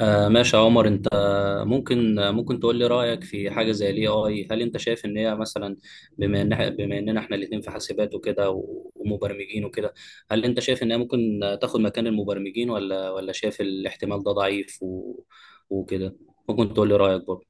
آه، ماشي يا عمر. انت ممكن تقول لي رأيك في حاجة زي الاي اي. هل انت شايف ان هي مثلا، بما ان بما اننا احنا الاتنين في حاسبات وكده ومبرمجين وكده، هل انت شايف ان هي ممكن تاخد مكان المبرمجين، ولا شايف الاحتمال ده ضعيف وكده؟ ممكن تقول لي رأيك برضه.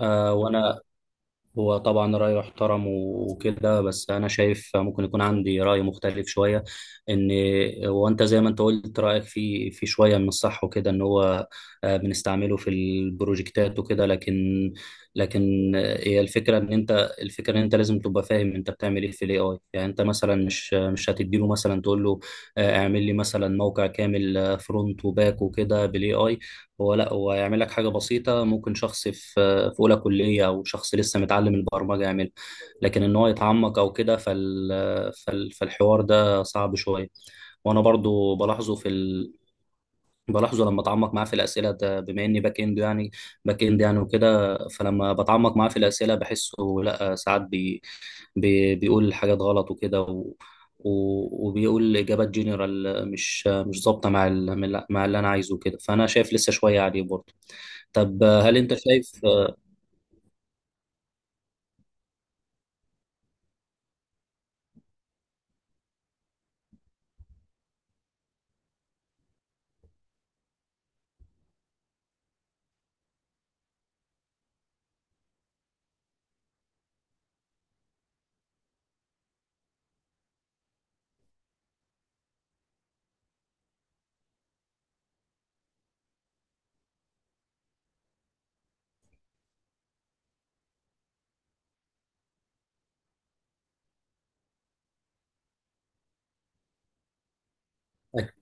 آه، وانا، هو طبعا رأيه يحترم وكده، بس أنا شايف ممكن يكون عندي رأي مختلف شوية. إن هو، أنت زي ما أنت قلت رأيك في شوية من الصح وكده، إن هو بنستعمله في البروجكتات وكده، لكن. لكن هي الفكرة إن أنت لازم تبقى فاهم أنت بتعمل إيه في ال AI. يعني أنت مثلا مش هتديله مثلا تقول له اعمل لي مثلا موقع كامل فرونت وباك وكده بال AI. هو لا، هو هيعمل لك حاجة بسيطة ممكن شخص في اولى كليه او شخص لسه متعلم البرمجه يعمل. لكن ان هو يتعمق او كده، فالحوار ده صعب شويه. وانا برضو بلاحظه بلاحظه لما اتعمق معاه في الاسئله، ده بما اني باك اند يعني، وكده. فلما بتعمق معاه في الاسئله بحسه، لا ساعات بيقول حاجات غلط وكده وبيقول اجابات جنرال مش ظابطه مع مع اللي انا عايزه كده. فانا شايف لسه شويه عليه برضه. طب هل انت شايف؟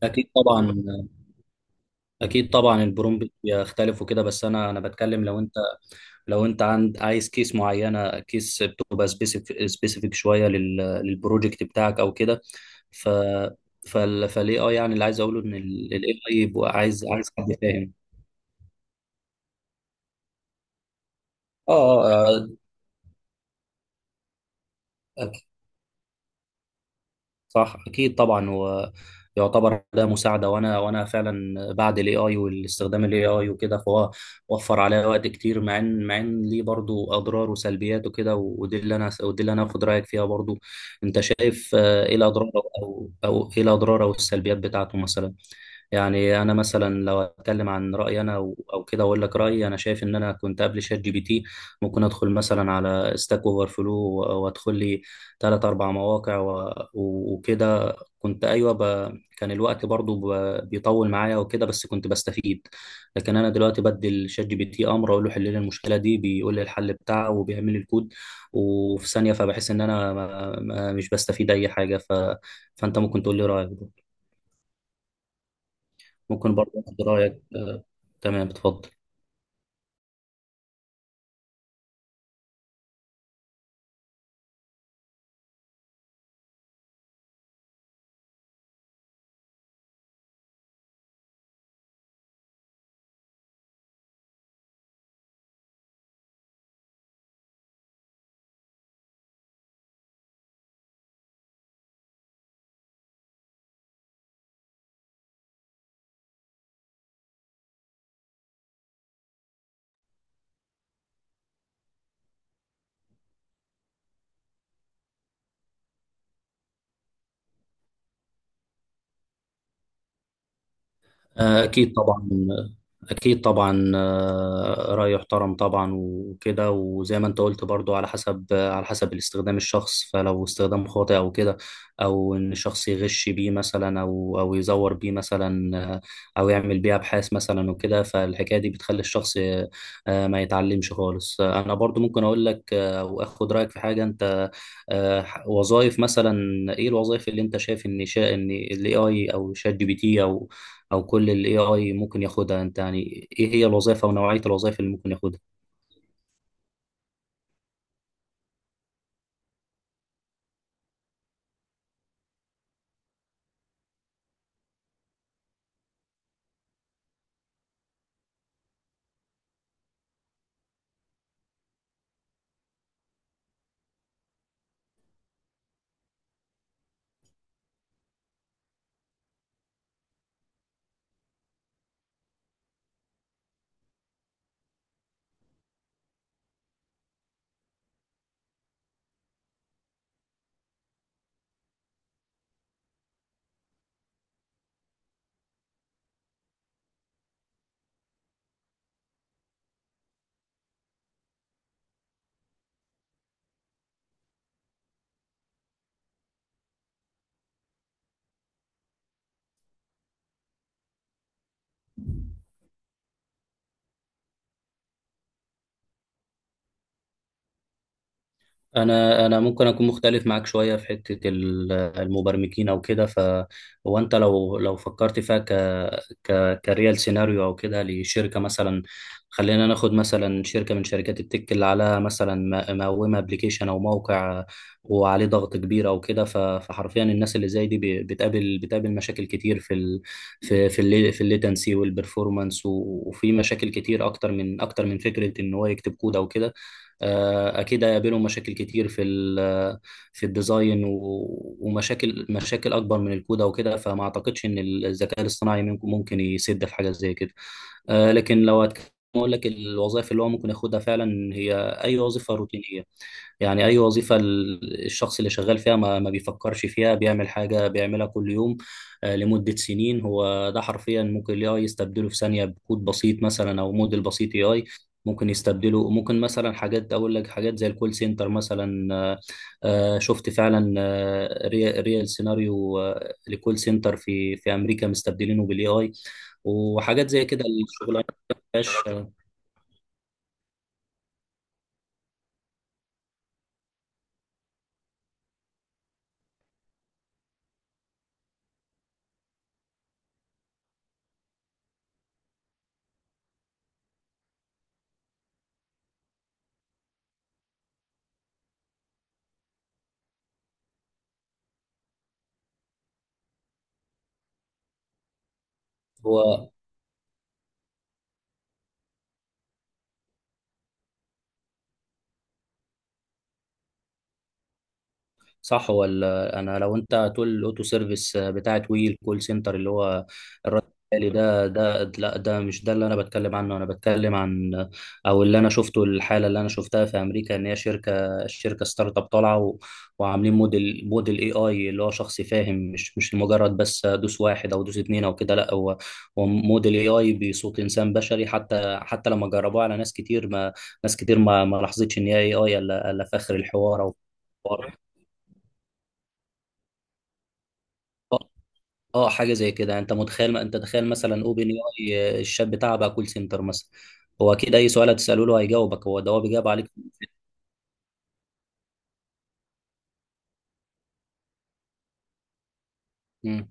اكيد طبعا، اكيد طبعا. البرومبت بيختلف وكده، بس انا بتكلم لو انت، لو انت عايز كيس معينه، كيس بتبقى سبيسيفيك شويه للبروجكت بتاعك او كده. ف فال فالاي اي، يعني اللي عايز اقوله ان الاي اي بيبقى عايز، حد فاهم. اه، آه، آه، صح اكيد طبعا. ويعتبر ده مساعده، وانا فعلا بعد الاي اي والاستخدام الاي اي وكده، فهو وفر عليا وقت كتير، مع ان، ليه برضو اضرار وسلبيات وكده، ودي اللي انا اخد رايك فيها برضو. انت شايف ايه الاضرار، او او ايه الاضرار او السلبيات بتاعته مثلا؟ يعني انا مثلا لو اتكلم عن رايي انا، او كده، اقول لك رايي. انا شايف ان انا كنت قبل شات جي بي تي ممكن ادخل مثلا على ستاك اوفر فلو، وادخل لي تلات أربع مواقع وكده. كنت أيوة كان الوقت برضو بيطول معايا وكده، بس كنت بستفيد. لكن أنا دلوقتي بدي شات جي بي تي أمر، أقول له حل لي المشكلة دي، بيقول لي الحل بتاعه وبيعمل لي الكود وفي ثانية. فبحس إن أنا ما... ما مش بستفيد أي حاجة. فأنت ممكن تقول لي رأيك ده. ممكن برضو أخد رأيك تمام، اتفضل. أكيد طبعا، أكيد طبعا، رأي يحترم طبعا وكده، وزي ما أنت قلت برضو على حسب، الاستخدام الشخص، فلو استخدام خاطئ أو كده، أو إن الشخص يغش بيه مثلا، أو يزور بيه مثلا، أو يعمل بيه أبحاث مثلا وكده، فالحكاية دي بتخلي الشخص ما يتعلمش خالص. أنا برضو ممكن أقول لك أو أخد رأيك في حاجة أنت. وظائف مثلا. إيه الوظائف اللي أنت شايف إن شا إن ال AI أو شات جي بي تي أو او كل الاي اي ممكن ياخدها؟ انت يعني ايه هي الوظائف او نوعية الوظائف اللي ممكن ياخدها؟ انا ممكن اكون مختلف معاك شويه في حته المبرمجين او كده. هو انت لو فكرت فيها ك ك كريال سيناريو او كده لشركه مثلا، خلينا ناخد مثلا شركه من شركات التك اللي عليها مثلا مقومه ابلكيشن او موقع وعليه ضغط كبير او كده. فحرفيا الناس اللي زي دي بتقابل مشاكل كتير في ال في في اللي في الليتنسي والبرفورمانس، وفي مشاكل كتير اكتر من فكره ان هو يكتب كود او كده. اكيد هيقابلهم مشاكل كتير في الديزاين ومشاكل، اكبر من الكود او كده. فما اعتقدش ان الذكاء الاصطناعي ممكن يسد في حاجه زي كده. لكن لو هتكلم اقول لك الوظائف اللي هو ممكن ياخدها فعلا، هي اي وظيفه روتينيه. يعني أي وظيفة الشخص اللي شغال فيها ما بيفكرش فيها، بيعمل حاجة بيعملها كل يوم لمدة سنين، هو ده حرفيا ممكن ال AI يستبدله في ثانية بكود بسيط مثلا أو موديل بسيط AI. ممكن يستبدله ممكن، مثلا حاجات، أقول لك حاجات زي الكول سنتر مثلا. شفت فعلا ريال سيناريو لكول سنتر في أمريكا مستبدلينه بال AI وحاجات زي كده. الشغلانة ما فيهاش هو. صح ولا؟ انا لو انت هتقول الاوتو سيرفيس بتاعت وي، الكول سنتر اللي هو الرد الآلي ده، لا ده مش ده اللي انا بتكلم عنه. انا بتكلم عن، او اللي انا شفته، الحاله اللي انا شفتها في امريكا، ان هي الشركه ستارت اب طالعه وعاملين موديل، اي اي، اللي هو شخص فاهم، مش مجرد بس دوس واحد او دوس اتنين او كده. لا هو، موديل اي اي بصوت انسان بشري. حتى لما جربوه على ناس كتير ما لاحظتش ان هي اي اي، إلا في اخر الحوار. او اه، حاجه زي كده. يعني انت تخيل مثلا اوبن اي، الشات بتاعه بقى كول سنتر مثلا، هو اكيد اي سؤال هتساله له هيجاوبك. هو بيجاوب عليك. مم.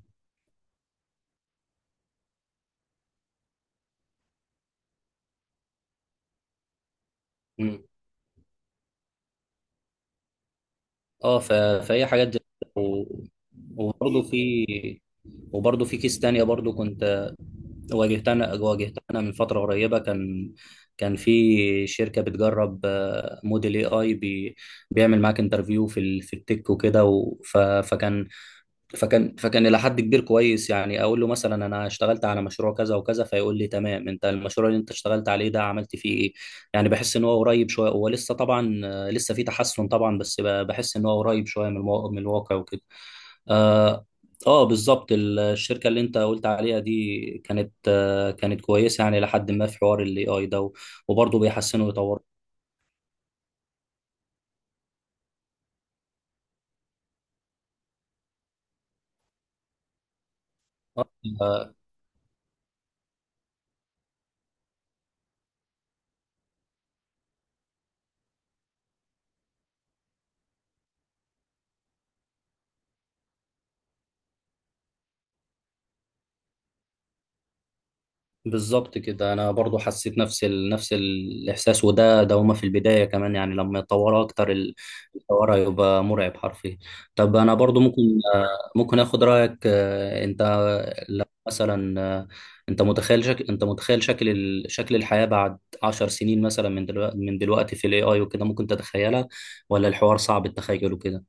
مم. اه، فهي حاجات زي كده وبرضه في، كيس تانية برضه كنت واجهتها أنا من فترة قريبة. كان، في شركة بتجرب موديل اي اي بيعمل معاك انترفيو في التك وكده فكان، الى حد كبير كويس. يعني اقول له مثلا انا اشتغلت على مشروع كذا وكذا، فيقول لي تمام، انت المشروع اللي انت اشتغلت عليه ده عملت فيه ايه. يعني بحس ان هو قريب شويه. هو لسه طبعا، لسه في تحسن طبعا، بس بحس ان هو قريب شويه من الواقع وكده. اه، آه بالظبط. الشركه اللي انت قلت عليها دي كانت، كانت كويسه يعني لحد ما في حوار الاي اي ده، وبرضه بيحسنوا ويطوروا. آه، بالظبط كده، انا برضو حسيت نفس نفس الاحساس. وده ده هما في البدايه كمان، يعني لما يتطوروا اكتر الحوار هيبقى مرعب حرفيا. طب انا برضو ممكن آه، اخد رايك انت، لو مثلا انت متخيل شكل شكل الحياه بعد 10 سنين مثلا من دلوقتي، في الاي اي وكده، ممكن تتخيلها ولا الحوار صعب التخيل وكده؟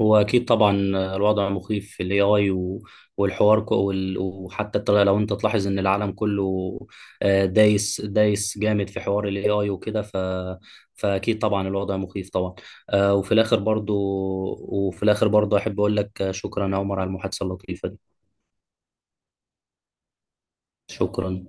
هو اكيد طبعا الوضع مخيف في الاي اي، وحتى الطريقه لو انت تلاحظ ان العالم كله دايس، جامد في حوار الاي اي وكده. فاكيد طبعا الوضع مخيف طبعا. وفي الاخر برضو، احب اقول لك شكرا يا عمر على المحادثه اللطيفه دي. شكرا.